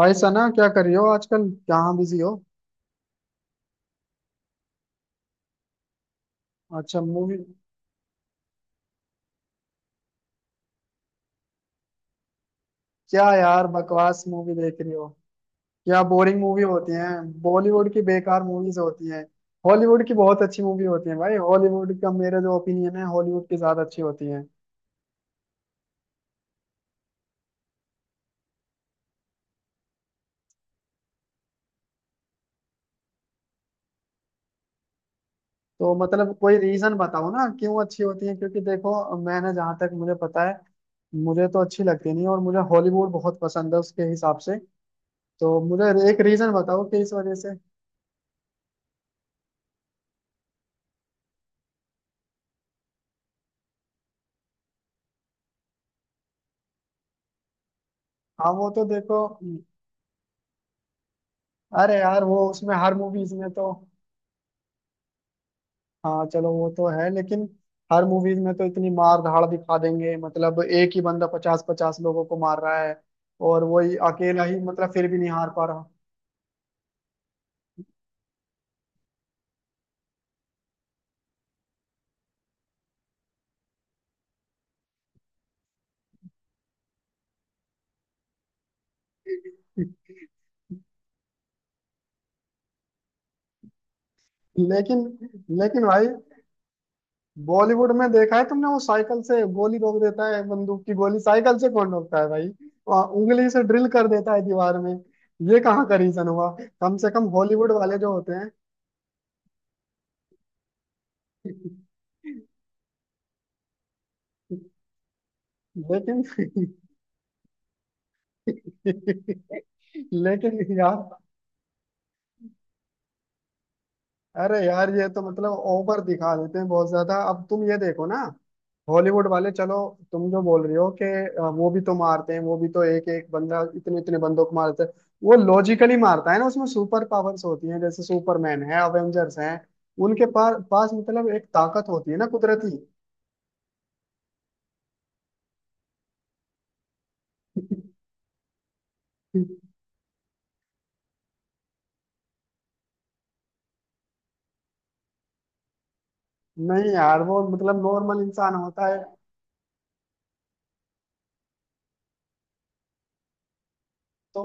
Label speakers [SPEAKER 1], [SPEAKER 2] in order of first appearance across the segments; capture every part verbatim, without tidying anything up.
[SPEAKER 1] हाय सना, क्या कर रही हो आजकल? कहाँ बिजी हो? अच्छा, मूवी? क्या यार, बकवास मूवी देख रही हो। क्या बोरिंग मूवी होती हैं। बॉलीवुड की बेकार मूवीज होती हैं। हॉलीवुड की बहुत अच्छी मूवी होती हैं भाई। हॉलीवुड का मेरा जो ओपिनियन है, हॉलीवुड की ज्यादा अच्छी होती हैं। तो मतलब कोई रीजन बताओ ना, क्यों अच्छी होती हैं। क्योंकि देखो, मैंने जहाँ तक मुझे पता है, मुझे तो अच्छी लगती नहीं है, और मुझे हॉलीवुड बहुत पसंद है उसके हिसाब से। तो मुझे एक रीजन बताओ कि इस वजह से। हाँ वो तो देखो, अरे यार वो उसमें हर मूवीज में तो। हाँ चलो वो तो है, लेकिन हर मूवीज में तो इतनी मार धाड़ दिखा देंगे, मतलब एक ही बंदा पचास पचास लोगों को मार रहा है, और वो ही अकेला ही, मतलब फिर भी नहीं हार पा रहा। लेकिन लेकिन भाई, बॉलीवुड में देखा है तुमने, वो साइकिल से गोली रोक देता है, बंदूक की गोली साइकिल से कौन रोकता है भाई। वहाँ उंगली से ड्रिल कर देता है दीवार में। ये कहाँ का रीजन हुआ? कम से कम हॉलीवुड वाले जो होते हैं। लेकिन लेकिन यार, अरे यार ये तो मतलब ओवर दिखा देते हैं बहुत ज्यादा। अब तुम ये देखो ना, हॉलीवुड वाले, चलो तुम जो बोल रही हो कि अ, वो भी तो मारते हैं, वो भी तो एक एक बंदा इतने इतने बंदों को मारते हैं। वो लॉजिकली मारता है ना, उसमें सुपर पावर्स होती हैं, जैसे सुपरमैन है, अवेंजर्स हैं। उनके पास पास मतलब एक ताकत होती है ना, कुदरती। नहीं यार, वो मतलब नॉर्मल इंसान होता है। तो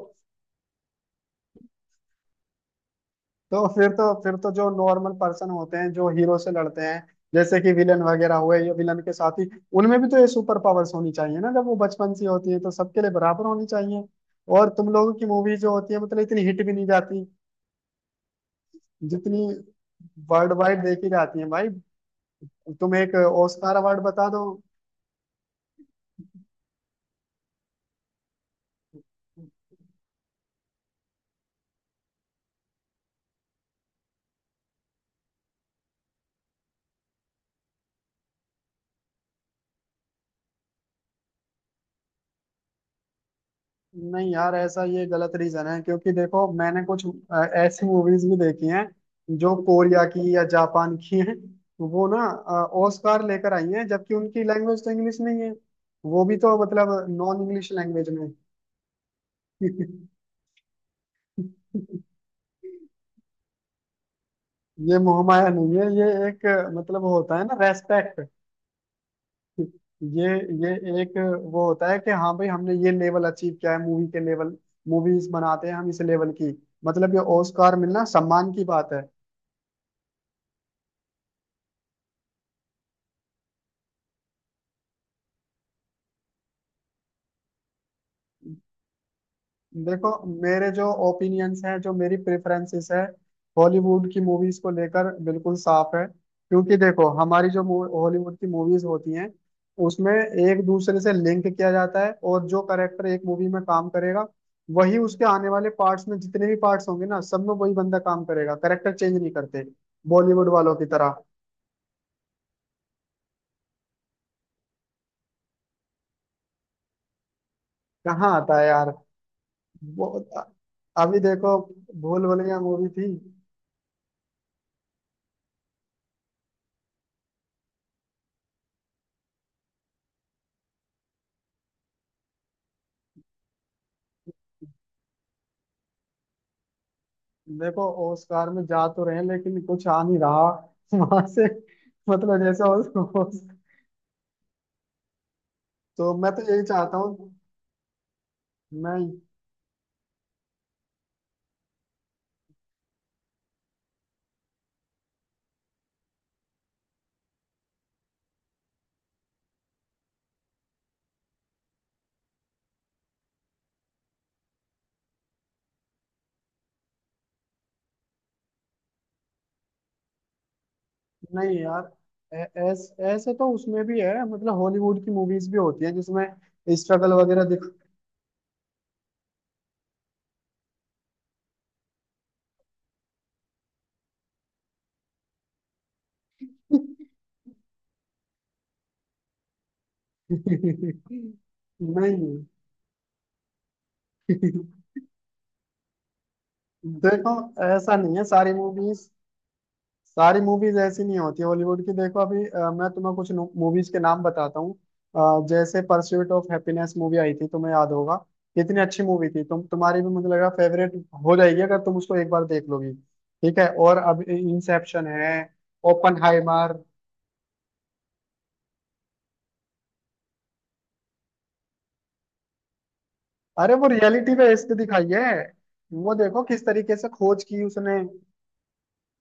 [SPEAKER 1] तो फिर तो फिर तो जो नॉर्मल पर्सन होते हैं, जो हीरो से लड़ते हैं, जैसे कि विलन वगैरह हुए, या विलन के साथी, उनमें भी तो ये सुपर पावर्स होनी चाहिए ना। जब वो बचपन से होती है तो सबके लिए बराबर होनी चाहिए। और तुम लोगों की मूवी जो होती है, मतलब इतनी हिट भी नहीं जाती, जितनी वर्ल्ड वाइड देखी जाती है भाई। तुम एक ऑस्कार अवार्ड बता दो। नहीं यार, ऐसा ये गलत रीजन है। क्योंकि देखो, मैंने कुछ अ, ऐसी मूवीज भी देखी हैं जो कोरिया की या जापान की हैं। वो ना ऑस्कार लेकर आई हैं, जबकि उनकी लैंग्वेज तो इंग्लिश नहीं है। वो भी तो मतलब नॉन इंग्लिश लैंग्वेज में। ये मोहमाया नहीं है, ये एक अ, मतलब होता है ना, रेस्पेक्ट। ये ये एक वो होता है कि हाँ भाई, हमने ये लेवल अचीव किया है, मूवी के लेवल, मूवीज बनाते हैं हम इस लेवल की। मतलब ये ऑस्कार मिलना सम्मान की बात है। देखो, मेरे जो ओपिनियंस हैं, जो मेरी प्रेफरेंसेस है हॉलीवुड की मूवीज को लेकर, बिल्कुल साफ है। क्योंकि देखो, हमारी जो हॉलीवुड की मूवीज होती हैं, उसमें एक दूसरे से लिंक किया जाता है, और जो करेक्टर एक मूवी में काम करेगा, वही उसके आने वाले पार्ट्स में, जितने भी पार्ट्स होंगे ना, सब में वही बंदा काम करेगा, करेक्टर चेंज नहीं करते बॉलीवुड वालों की तरह। कहाँ आता है यार। वो अभी देखो, भूल भुलैया मूवी थी। देखो, ओस्कार में जा तो रहे हैं, लेकिन कुछ आ नहीं रहा। वहां से, मतलब जैसा हो हो- तो मैं तो यही चाहता हूँ। मैं नहीं यार, ऐ- ऐस, ऐसे तो उसमें भी है, मतलब हॉलीवुड की मूवीज भी होती है जिसमें स्ट्रगल वगैरह दिख। नहीं। देखो, ऐसा नहीं है। सारी मूवीज सारी मूवीज ऐसी नहीं होती हॉलीवुड की। देखो अभी, अ, मैं तुम्हें कुछ मूवीज के नाम बताता हूँ। अ, जैसे परस्यूट ऑफ हैप्पीनेस मूवी आई थी, तुम्हें याद होगा, कितनी अच्छी मूवी थी। तुम तुम्हारी भी मुझे लगा फेवरेट हो जाएगी, अगर तुम उसको एक बार देख लोगी। ठीक है, और अब इंसेप्शन है, ओपनहाइमर। अरे वो रियलिटी पे बेस्ड दिखाई है। वो देखो किस तरीके से खोज की उसने,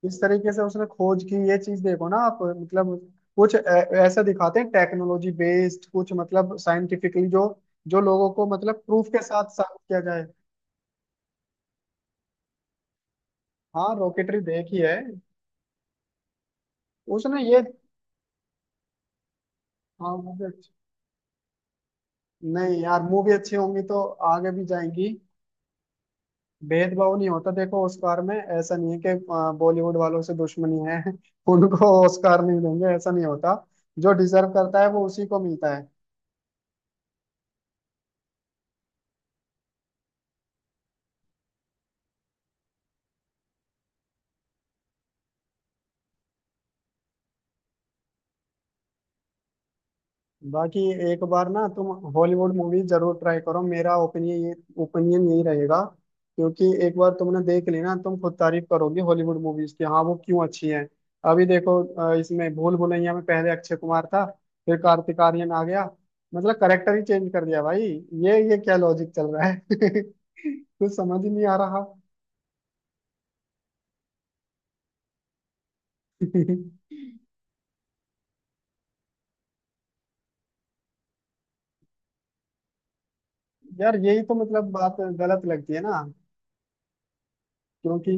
[SPEAKER 1] इस तरीके से उसने खोज की। ये चीज देखो ना, आप मतलब कुछ ऐ- ऐसा दिखाते हैं, टेक्नोलॉजी बेस्ड कुछ, मतलब साइंटिफिकली जो जो लोगों को मतलब प्रूफ के साथ साबित किया जाए। हाँ रॉकेटरी देखी है, उसने ये। हाँ मूवी अच्छी, नहीं यार मूवी अच्छी होंगी तो आगे भी जाएंगी। भेदभाव नहीं होता। देखो ऑस्कार में ऐसा नहीं है कि अ, बॉलीवुड वालों से दुश्मनी है, उनको ऑस्कार नहीं देंगे, ऐसा नहीं होता। जो डिजर्व करता है, वो उसी को मिलता है। बाकी एक बार ना तुम हॉलीवुड मूवी जरूर ट्राई करो। मेरा ओपिनियन ये ओपिनियन यही रहेगा। क्योंकि एक बार तुमने देख ली ना, तुम खुद तारीफ करोगे हॉलीवुड मूवीज की, हाँ वो क्यों अच्छी हैं। अभी देखो, अ, इसमें भूल भुलैया में पहले अक्षय कुमार था, फिर कार्तिक आर्यन आ गया, मतलब करेक्टर ही चेंज कर दिया भाई। ये ये क्या लॉजिक चल रहा है। कुछ समझ ही नहीं आ रहा। यार यही तो मतलब बात गलत लगती है ना। क्योंकि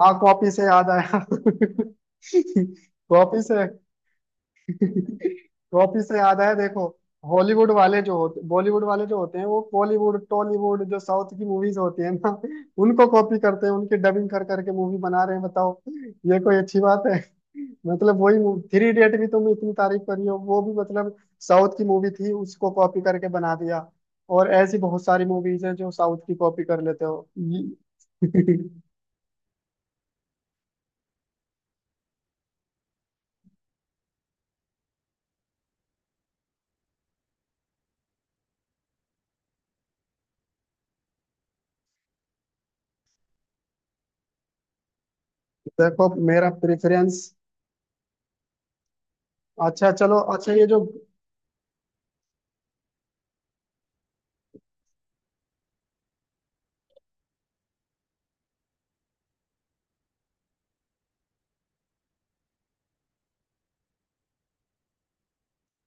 [SPEAKER 1] हाँ, कॉपी से याद आया। कॉपी से, कॉपी से याद आया, देखो हॉलीवुड वाले जो होते, बॉलीवुड वाले जो होते हैं, वो बॉलीवुड टॉलीवुड, जो साउथ की मूवीज होती है ना, उनको कॉपी करते हैं, उनकी डबिंग कर करके मूवी बना रहे हैं, बताओ ये कोई अच्छी बात है? मतलब वही थ्री इडियट भी तुम इतनी तारीफ करी हो, वो भी मतलब साउथ की मूवी थी, उसको कॉपी करके बना दिया। और ऐसी बहुत सारी मूवीज हैं जो साउथ की कॉपी कर लेते हो। ये- देखो मेरा प्रेफरेंस, अच्छा चलो, अच्छा ये जो,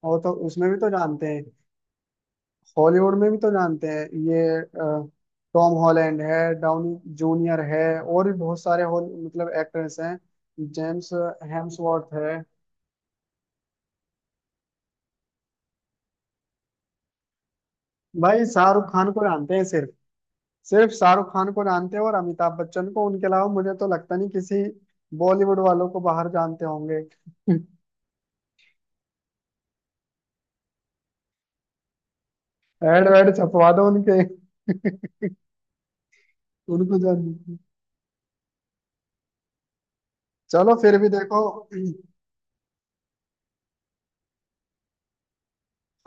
[SPEAKER 1] और तो उसमें भी तो जानते हैं, हॉलीवुड में भी तो जानते हैं, ये अ, टॉम हॉलैंड है, डाउनी जूनियर है, और भी बहुत सारे हॉल मतलब एक्टर्स हैं, जेम्स हेम्सवर्थ है। भाई शाहरुख खान को जानते हैं, सिर्फ सिर्फ शाहरुख खान को जानते हैं, और अमिताभ बच्चन को। उनके अलावा मुझे तो लगता नहीं किसी बॉलीवुड वालों को बाहर जानते होंगे। एड वेड छपवा दो उनके। उनको जान, चलो फिर भी देखो।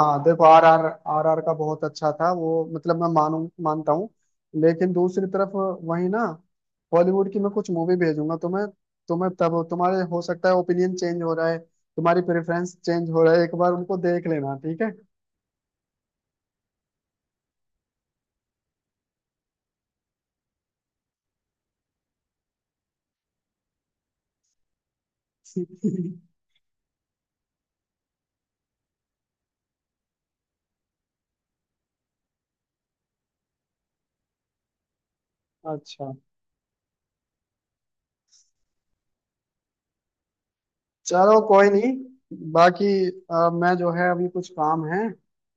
[SPEAKER 1] हाँ देखो आर आर आर, आर आर आर का बहुत अच्छा था वो, मतलब मैं मानू, मानता हूँ। लेकिन दूसरी तरफ वही ना, बॉलीवुड की मैं कुछ मूवी भेजूंगा तुम्हें। तुम्हें तब तुम्हारे हो सकता है ओपिनियन चेंज हो रहा है, तुम्हारी प्रेफरेंस चेंज हो रहा है, एक बार उनको देख लेना, ठीक है। अच्छा चलो, कोई नहीं। बाकी अ, मैं जो है, अभी कुछ काम है,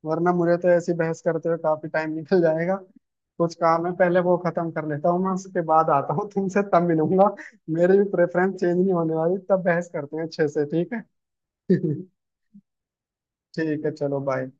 [SPEAKER 1] वरना मुझे तो ऐसी बहस करते हुए काफी टाइम निकल जाएगा। कुछ काम है, पहले वो खत्म कर लेता हूँ मैं, उसके बाद आता हूँ तुमसे, तब मिलूंगा। मेरी भी प्रेफरेंस चेंज नहीं होने वाली, तब बहस करते हैं अच्छे से, ठीक है। ठीक है, चलो बाय।